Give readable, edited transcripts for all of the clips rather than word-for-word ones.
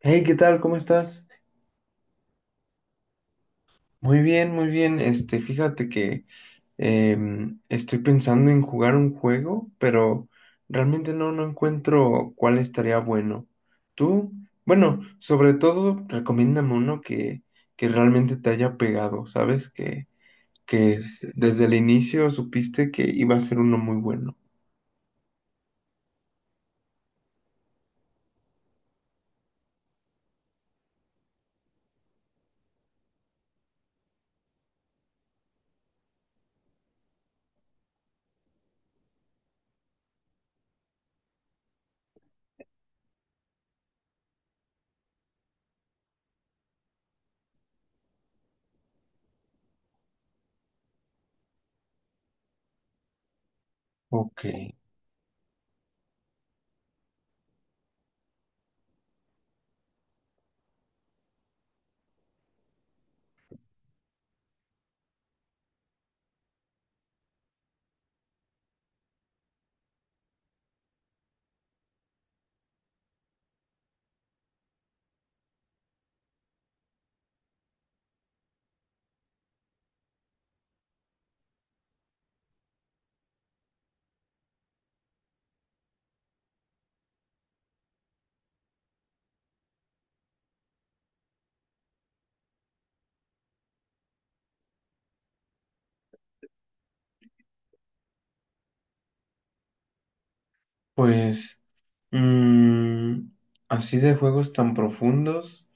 Hey, ¿qué tal? ¿Cómo estás? Muy bien, muy bien. Fíjate que estoy pensando en jugar un juego, pero realmente no encuentro cuál estaría bueno. Tú, bueno, sobre todo, recomiéndame uno que realmente te haya pegado, ¿sabes? Que, que desde el inicio supiste que iba a ser uno muy bueno. Ok, pues, mm, así de juegos tan profundos.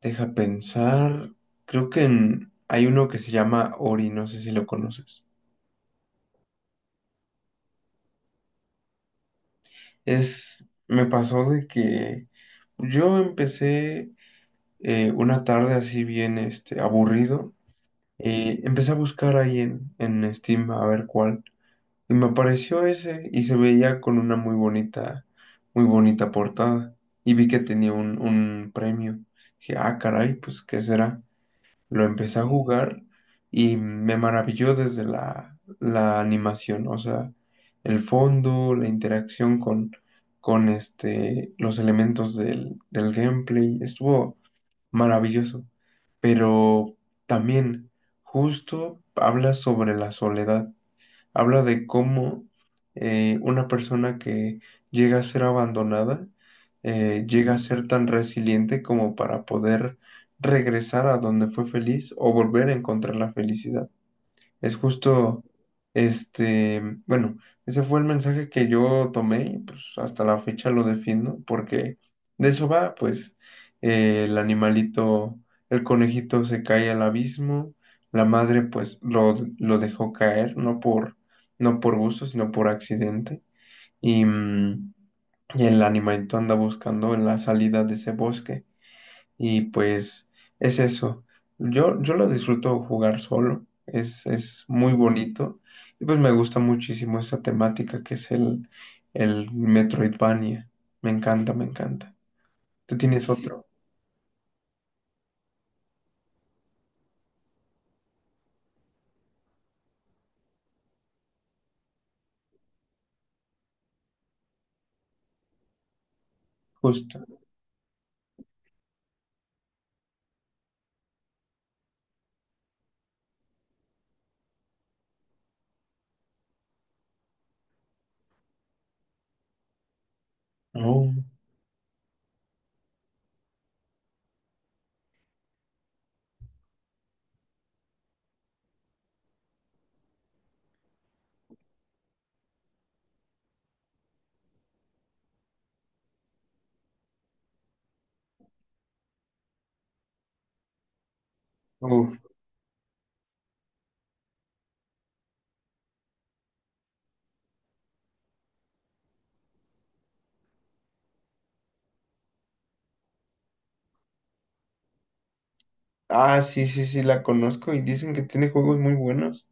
Deja pensar. Creo que hay uno que se llama Ori, no sé si lo conoces. Es, me pasó de que yo empecé una tarde así bien aburrido. Empecé a buscar ahí en Steam a ver cuál. Y me apareció ese y se veía con una muy bonita portada. Y vi que tenía un premio. Dije, ah, caray, pues, ¿qué será? Lo empecé a jugar y me maravilló desde la animación, o sea, el fondo, la interacción con los elementos del gameplay, estuvo maravilloso. Pero también justo habla sobre la soledad. Habla de cómo una persona que llega a ser abandonada, llega a ser tan resiliente como para poder regresar a donde fue feliz o volver a encontrar la felicidad. Es justo, bueno, ese fue el mensaje que yo tomé y pues hasta la fecha lo defiendo, porque de eso va, pues el animalito, el conejito se cae al abismo, la madre pues lo dejó caer, no por gusto, sino por accidente, y, y el animalito anda buscando en la salida de ese bosque. Y pues es eso. Yo lo disfruto jugar solo, es muy bonito. Y pues me gusta muchísimo esa temática que es el Metroidvania. Me encanta, me encanta. Tú tienes otro, justo. Oh. Uf. Ah, sí, sí, sí, la conozco y dicen que tiene juegos muy buenos.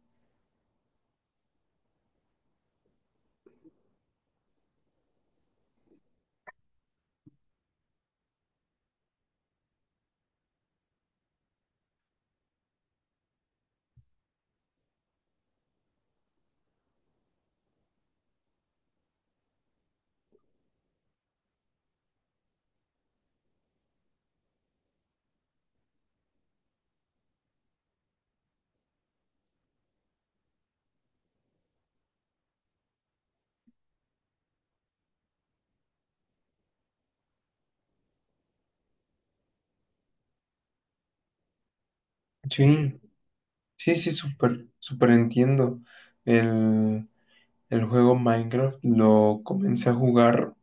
Sí, sí, sí, súper, súper entiendo. El, el juego Minecraft lo comencé a jugar.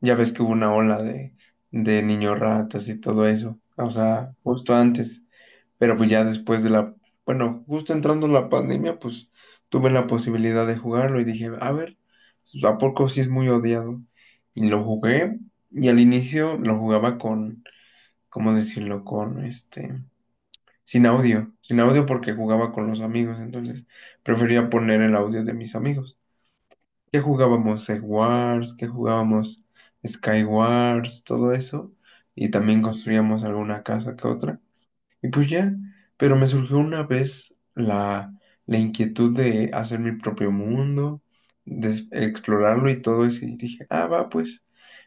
Ya ves que hubo una ola de niños ratas y todo eso, o sea, justo antes, pero pues ya después de bueno, justo entrando la pandemia, pues tuve la posibilidad de jugarlo y dije, a ver, pues, ¿a poco sí es muy odiado? Y lo jugué y al inicio lo jugaba con, ¿cómo decirlo? Con sin audio, sin audio porque jugaba con los amigos, entonces prefería poner el audio de mis amigos. ¿Qué jugábamos? Egg Wars, ¿qué jugábamos? Sky Wars, todo eso. Y también construíamos alguna casa que otra. Y pues ya, pero me surgió una vez la inquietud de hacer mi propio mundo, de explorarlo y todo eso, y dije, ah, va, pues,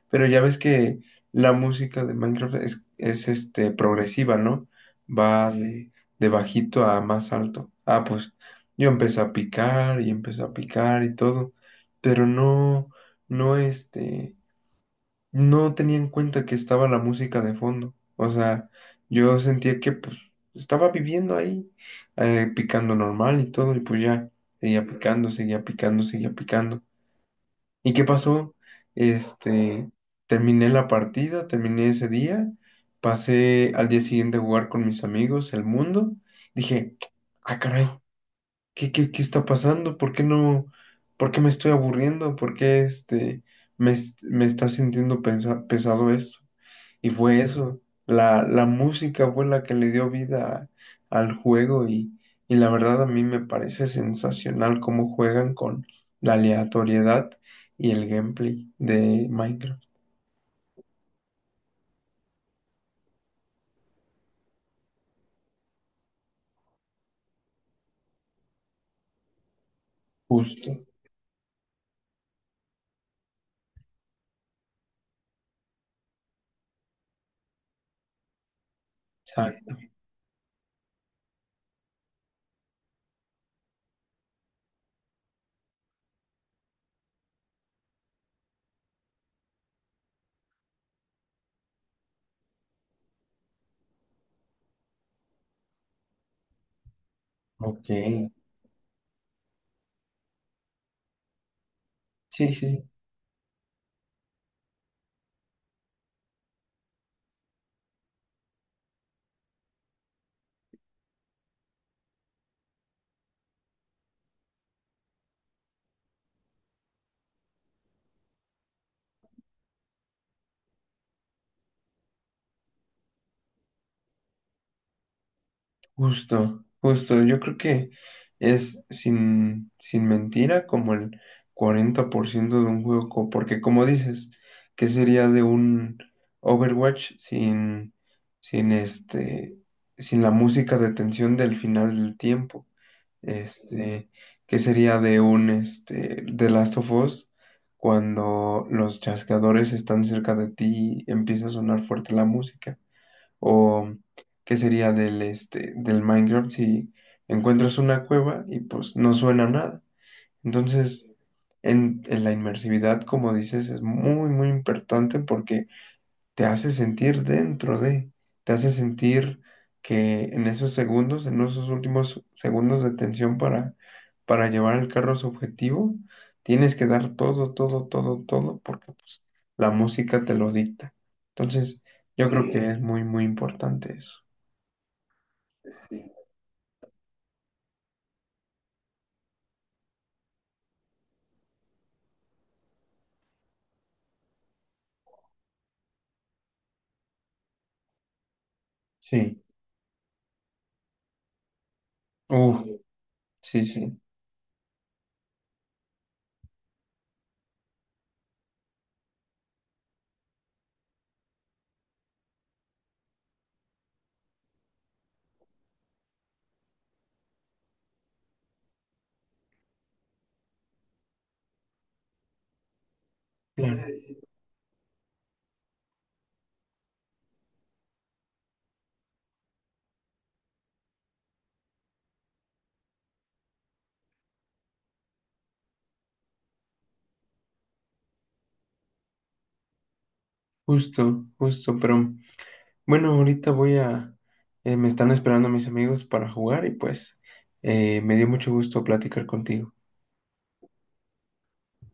pero ya ves que la música de Minecraft es progresiva, ¿no? Va de bajito a más alto. Ah, pues, yo empecé a picar y empecé a picar y todo, pero no no tenía en cuenta que estaba la música de fondo. O sea, yo sentía que pues estaba viviendo ahí, picando normal y todo, y pues ya, seguía picando, seguía picando, seguía picando. ¿Y qué pasó? Este, Terminé la partida, terminé ese día, pasé al día siguiente a jugar con mis amigos, el mundo, dije, ah, caray, ¿qué está pasando? ¿Por qué no, por qué me estoy aburriendo? ¿Por qué este... Me, me está sintiendo pesado esto. Y fue eso, la música fue la que le dio vida al juego y la verdad a mí me parece sensacional cómo juegan con la aleatoriedad y el gameplay de Minecraft. Justo, exacto. Ok, sí, sí. Justo, justo. Yo creo que es sin mentira como el 40% de un juego, porque como dices, ¿qué sería de un Overwatch sin sin la música de tensión del final del tiempo? Este, ¿qué sería de un este, The Last of Us cuando los chasqueadores están cerca de ti y empieza a sonar fuerte la música? O qué sería del, este, del Minecraft si encuentras una cueva y pues no suena nada. Entonces, en la inmersividad, como dices, es muy, muy importante porque te hace sentir dentro de, te hace sentir que en esos segundos, en esos últimos segundos de tensión para llevar el carro a su objetivo, tienes que dar todo, todo, todo, todo, porque pues, la música te lo dicta. Entonces, yo creo que sí, es muy, muy importante eso. Sí, uf, sí, sí. Claro. Justo, justo, pero bueno, ahorita voy a, me están esperando mis amigos para jugar y pues me dio mucho gusto platicar contigo.